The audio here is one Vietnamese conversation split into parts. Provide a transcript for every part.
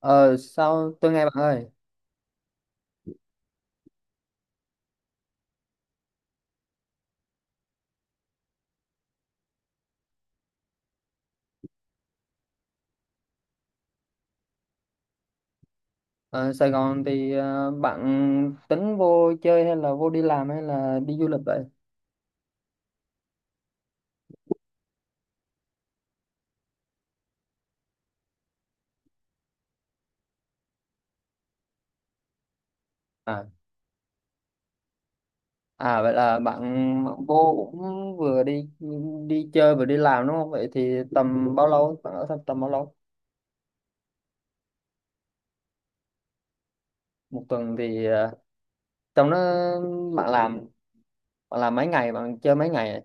Ờ sao tôi nghe bạn ơi. Ờ, Sài Gòn thì bạn tính vô chơi, hay là vô đi làm, hay là đi du lịch vậy? À à vậy là bạn vô cũng vừa đi đi chơi vừa đi làm đúng không? Vậy thì tầm bao lâu, bạn ở tầm bao lâu? 1 tuần thì trong đó bạn làm, bạn làm mấy ngày, bạn chơi mấy ngày?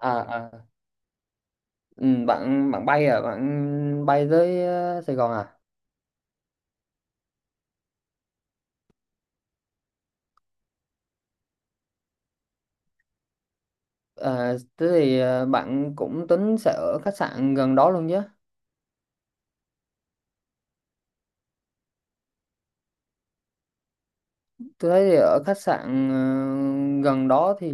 À, ừ, bạn bạn bay à, bạn bay tới Sài Gòn à? Ờ, thế thì bạn cũng tính sẽ ở khách sạn gần đó luôn chứ? Tôi thấy thì ở khách sạn gần đó thì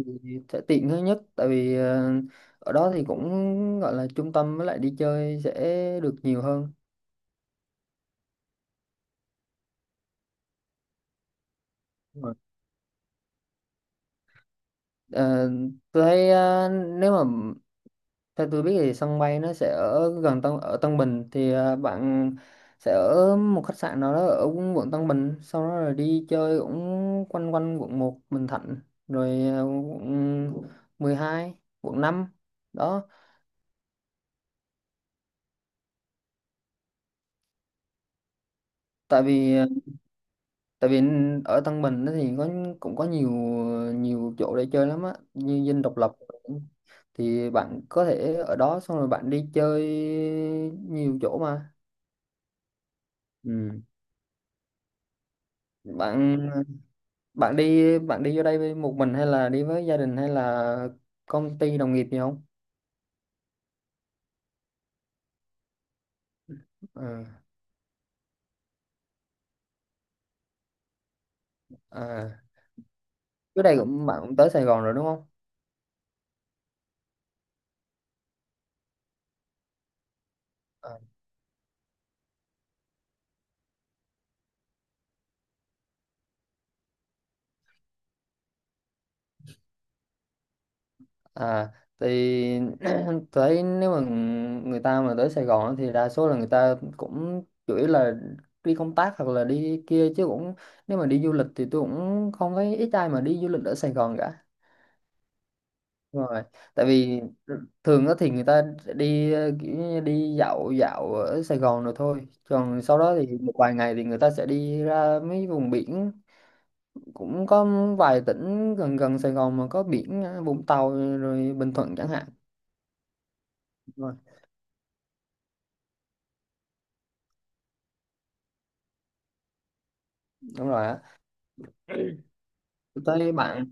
sẽ tiện hơn nhất, tại vì ở đó thì cũng gọi là trung tâm, với lại đi chơi sẽ được nhiều hơn. Đúng rồi. Ờ, tôi thấy nếu mà theo tôi biết thì sân bay nó sẽ ở gần Tân Bình, thì bạn sẽ ở một khách sạn nào đó ở quận Tân Bình, sau đó rồi đi chơi cũng quanh quanh quận 1, Bình Thạnh, rồi quận 12, quận 5 đó. Tại vì tại vì ở Tân Bình á thì cũng có nhiều, nhiều chỗ để chơi lắm á, như Dinh Độc Lập, thì bạn có thể ở đó xong rồi bạn đi chơi nhiều chỗ mà. Ừ. bạn bạn đi vô đây với một mình hay là đi với gia đình hay là công ty đồng nghiệp gì không? Ừ. À. Trước đây cũng bạn cũng tới Sài Gòn rồi đúng không? À, thì tới nếu mà người ta mà tới Sài Gòn á, thì đa số là người ta cũng chủ yếu là đi công tác hoặc là đi kia chứ, cũng nếu mà đi du lịch thì tôi cũng không thấy ít ai mà đi du lịch ở Sài Gòn cả. Đúng rồi, tại vì thường á thì người ta đi kiểu như đi dạo dạo ở Sài Gòn rồi thôi, còn sau đó thì một vài ngày thì người ta sẽ đi ra mấy vùng biển, cũng có vài tỉnh gần gần Sài Gòn mà có biển, Vũng Tàu rồi Bình Thuận chẳng hạn. Đúng rồi, đúng rồi á. Tới bạn,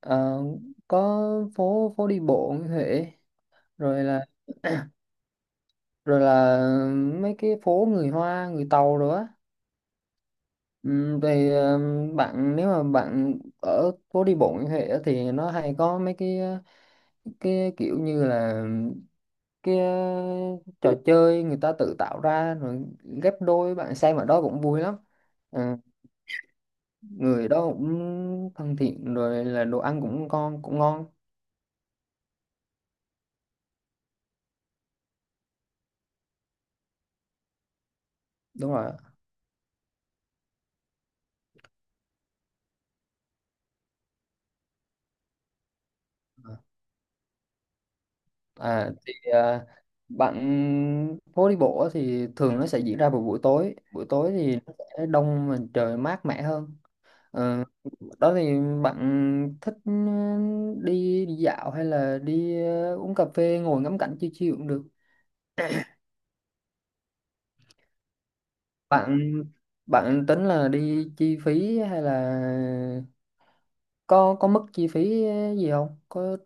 ờ, có phố phố đi bộ như thế, rồi là rồi là mấy cái phố người Hoa, người Tàu rồi á. Ừ, thì bạn nếu mà bạn ở phố đi bộ như thế á, thì nó hay có mấy cái, cái kiểu như là cái, trò chơi người ta tự tạo ra rồi ghép đôi, bạn xem ở đó cũng vui lắm. Ờ, người đó cũng thân thiện, rồi là đồ ăn cũng ngon, cũng ngon. Đúng rồi. À, thì à, bạn phố đi bộ á thì thường nó sẽ diễn ra vào buổi tối. Buổi tối thì nó sẽ đông và trời mát mẻ hơn. Ờ, đó thì bạn thích ừ, đi, đi dạo hay là đi uống cà phê ngồi ngắm cảnh chill chill cũng được. Bạn bạn tính là đi chi phí hay là có mức chi phí gì không? Có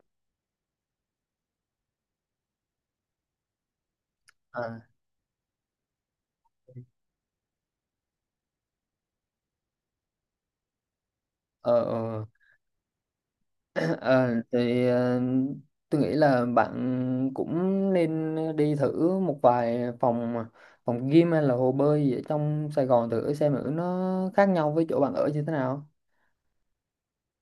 à, ờ, ờ. Ờ, thì tôi nghĩ là bạn cũng nên đi thử một vài phòng phòng gym hay là hồ bơi gì ở trong Sài Gòn, thử xem thử nó khác nhau với chỗ bạn ở như thế nào.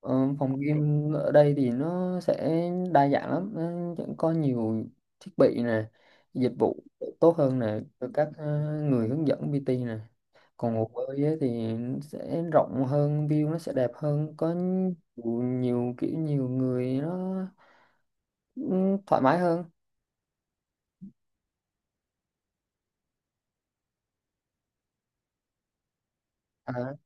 Ờ, phòng gym ở đây thì nó sẽ đa dạng lắm, nó sẽ có nhiều thiết bị nè, dịch vụ tốt hơn nè, rồi các người hướng dẫn PT nè. Còn hồ bơi ấy thì sẽ rộng hơn, view nó sẽ đẹp hơn, có nhiều, nhiều kiểu nhiều người nó thoải mái hơn. À,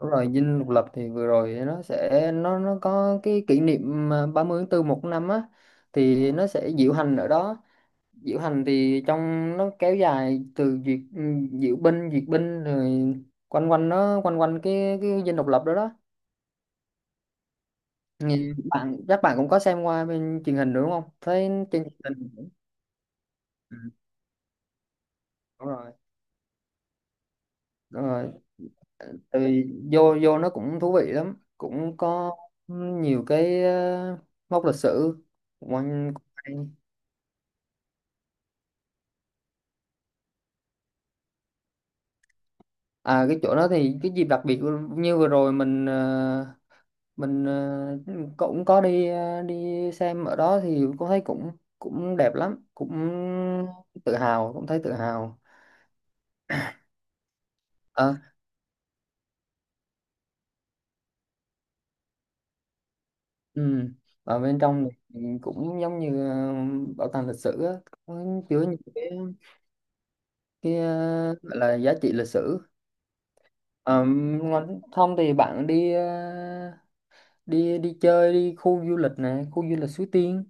đúng rồi, dinh độc lập thì vừa rồi nó nó có cái kỷ niệm à, 30 tháng 4 một năm á, thì nó sẽ diễu hành ở đó. Diễu hành thì trong nó kéo dài từ duyệt diễu binh, duyệt binh, rồi quanh quanh nó, quanh quanh cái dinh độc lập đó đó. Nhìn bạn chắc bạn cũng có xem qua bên truyền hình đúng không, thấy trên truyền hình. Ừ, đúng rồi, đúng rồi. Ừ, vô vô nó cũng thú vị lắm, cũng có nhiều cái mốc lịch sử quan hay. À cái chỗ đó thì cái dịp đặc biệt như vừa rồi mình mình ờ, cũng có đi đi xem ở đó thì cũng thấy cũng cũng đẹp lắm, cũng tự hào, cũng thấy tự hào. Ờ, ừ. Ở bên trong thì cũng giống như bảo tàng lịch sử á, có chứa những cái gọi là giá trị lịch sử. Ngon. Không thì bạn đi đi đi chơi đi, khu du lịch này, khu du lịch Suối Tiên,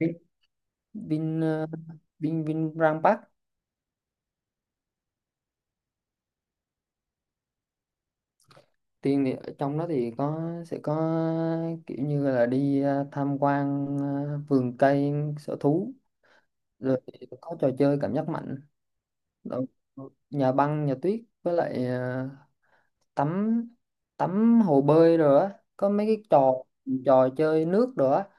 Vin Vin ờ, Vin Vinpearl Park. Tiên thì ở trong đó thì sẽ có kiểu như là đi tham quan vườn cây, sở thú, rồi có trò chơi cảm giác mạnh, rồi nhà băng nhà tuyết, với lại tắm, hồ bơi rồi á, có mấy cái trò, chơi nước rồi á.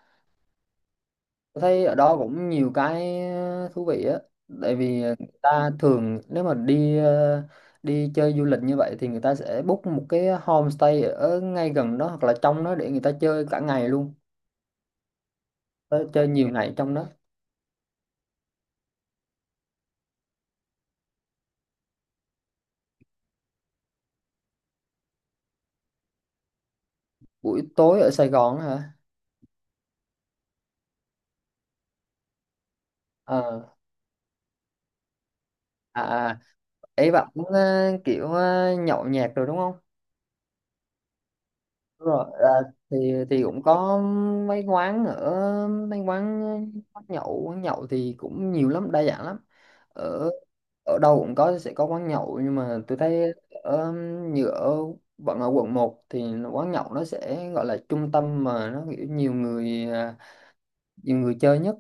Tôi thấy ở đó cũng nhiều cái thú vị á, tại vì người ta thường nếu mà đi đi chơi du lịch như vậy thì người ta sẽ book một cái homestay ở ngay gần đó hoặc là trong đó để người ta chơi cả ngày luôn. Ờ, chơi nhiều ngày trong đó. Buổi tối ở Sài Gòn á hả? Ờ, à, à, ấy bạn cũng kiểu nhậu nhẹt rồi đúng không? Đúng rồi. À, thì cũng có mấy quán, ở mấy quán, quán nhậu, quán nhậu thì cũng nhiều lắm, đa dạng lắm, ở ở đâu cũng có, sẽ có quán nhậu, nhưng mà tôi thấy ở, như ở, vẫn ở quận 1 thì quán nhậu nó sẽ gọi là trung tâm, mà nó kiểu nhiều người à, nhiều người chơi nhất.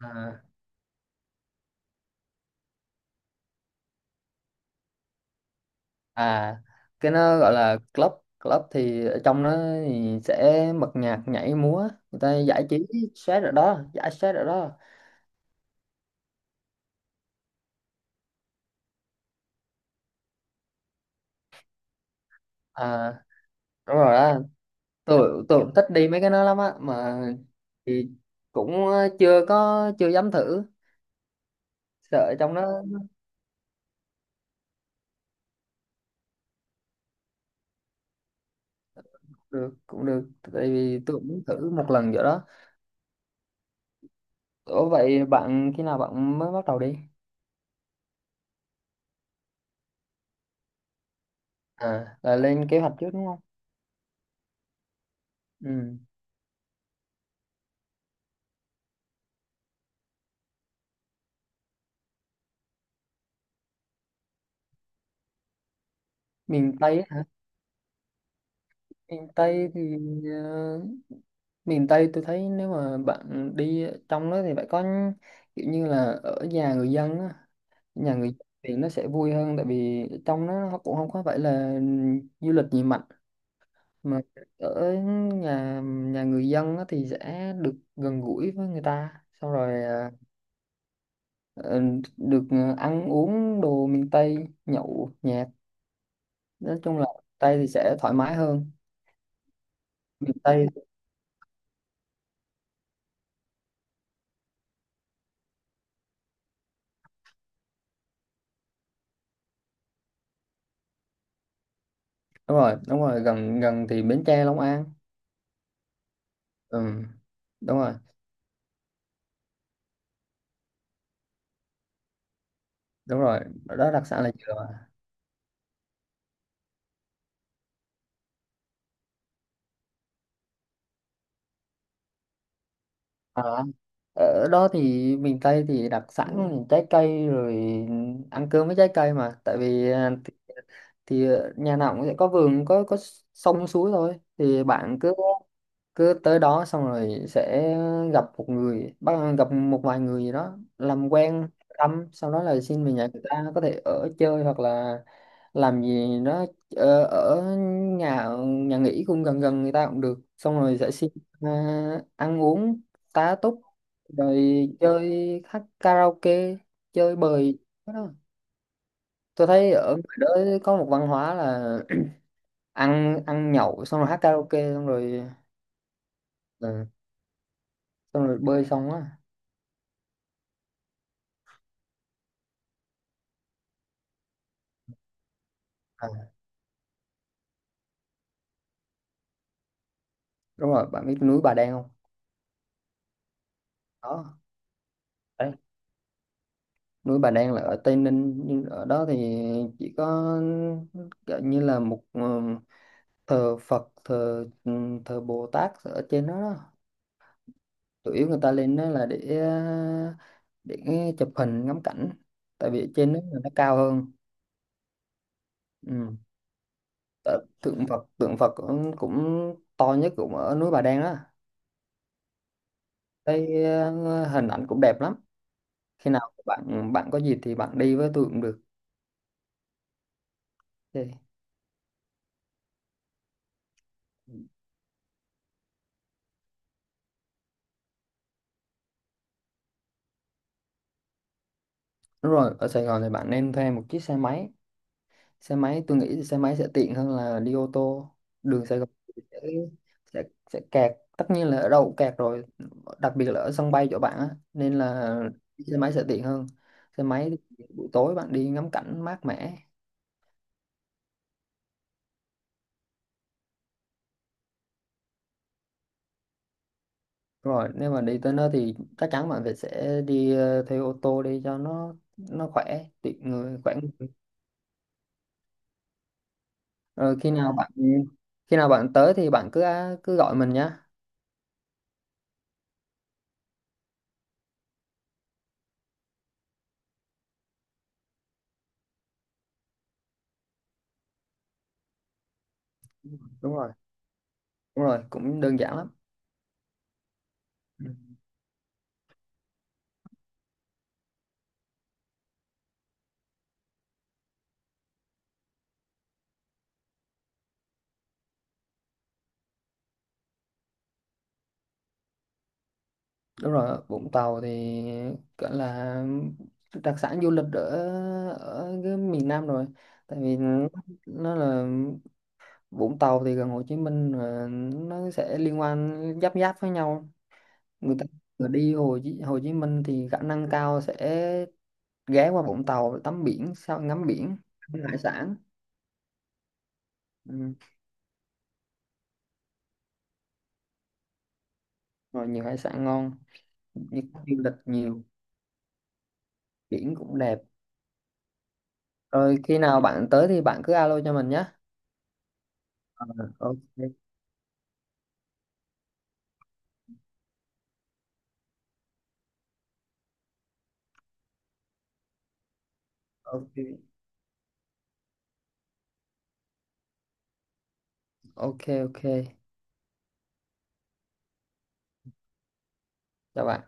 À, à cái nó gọi là club, thì ở trong nó thì sẽ bật nhạc nhảy múa, người ta giải trí stress ở đó, giải stress ở đó. À, đúng rồi á, tôi cũng thích đi mấy cái đó lắm á, mà thì cũng chưa có, chưa dám thử, sợ trong đó. Được cũng được, tại vì tôi cũng muốn thử một lần vậy đó. Ủa vậy bạn khi nào bạn mới bắt đầu đi? À là lên kế hoạch trước đúng không? Ừ. Miền Tây á hả? Miền Tây thì ờ, miền Tây tôi thấy nếu mà bạn đi trong đó thì phải có kiểu như là ở nhà người dân á, nhà người dân thì nó sẽ vui hơn, tại vì trong nó cũng không có phải là du lịch gì mạnh, mà ở nhà nhà người dân á thì sẽ được gần gũi với người ta, xong rồi à, ờ, được ăn uống đồ miền Tây, nhậu nhẹt, nói chung là Tây thì sẽ thoải mái hơn. Miền Tây. Đúng rồi, đúng rồi, gần gần thì Bến Tre, Long An. Ừ. Đúng rồi, đúng rồi đó, đặc sản là dừa mà. À, ở đó thì miền Tây thì đặc sản là trái cây rồi, ăn cơm với trái cây mà, tại vì à, thì nhà nào cũng sẽ có vườn, có sông suối thôi, thì bạn cứ cứ tới đó xong rồi sẽ gặp một người, bắt gặp một vài người gì đó làm quen, thăm, sau đó là xin về nhà người ta có thể ở chơi hoặc là làm gì đó, ở, ở nhà nhà nghỉ cũng gần gần người ta cũng được, xong rồi sẽ xin à, ăn uống, tá túc, rồi chơi hát karaoke, chơi bời. Cái đó. Tôi thấy ở ngoài đó có một văn hóa là ăn ăn nhậu xong rồi hát karaoke xong rồi ừ, xong rồi bơi xong á. À, đúng rồi, bạn biết núi Bà Đen không? Đó, đấy. Núi Bà Đen là ở Tây Ninh, nhưng ở đó thì chỉ có kiểu như là một ừ, thờ Phật, thờ ừ, thờ Bồ Tát ở trên đó, đó. Chủ yếu người ta lên đó là để để chụp hình ngắm cảnh, tại vì trên đó là nó cao hơn. Ừ. Tại tượng Phật, tượng Phật cũng, cũng to nhất cũng ở núi Bà Đen đó. Cái hình ảnh cũng đẹp lắm. Khi nào bạn bạn có dịp thì bạn đi với tôi cũng được. Thì- đúng rồi, ở Sài Gòn thì bạn nên thuê một chiếc xe máy, tôi nghĩ xe máy sẽ tiện hơn là đi ô tô. Đường Sài Gòn sẽ sẽ, sẽ kẹt, tất nhiên là ở đâu cũng kẹt rồi, đặc biệt là ở sân bay chỗ bạn á, nên là xe máy sẽ tiện hơn. Xe máy thì buổi tối bạn đi ngắm cảnh mát mẻ. Rồi nếu mà đi tới nơi thì chắc chắn bạn phải sẽ đi thuê ô tô đi cho nó khỏe, tiện người khỏe người. Rồi khi nào bạn tới thì bạn cứ cứ gọi mình nhá. Đúng rồi, đúng rồi cũng đơn giản lắm. Đúng rồi, Vũng Tàu thì gọi là đặc sản du lịch ở ở cái miền Nam rồi, tại vì nó là Vũng Tàu thì gần Hồ Chí Minh rồi, nó sẽ liên quan, giáp giáp với nhau. Người ta vừa đi Hồ Chí Minh thì khả năng cao sẽ ghé qua Vũng Tàu để tắm biển, sau ngắm biển, ăn hải sản. Ừ. Rồi nhiều hải sản ngon, như du lịch nhiều, biển cũng đẹp. Rồi khi nào bạn tới thì bạn cứ alo cho mình nhé. Ờ, ok, ok, ok, ok, chào bạn.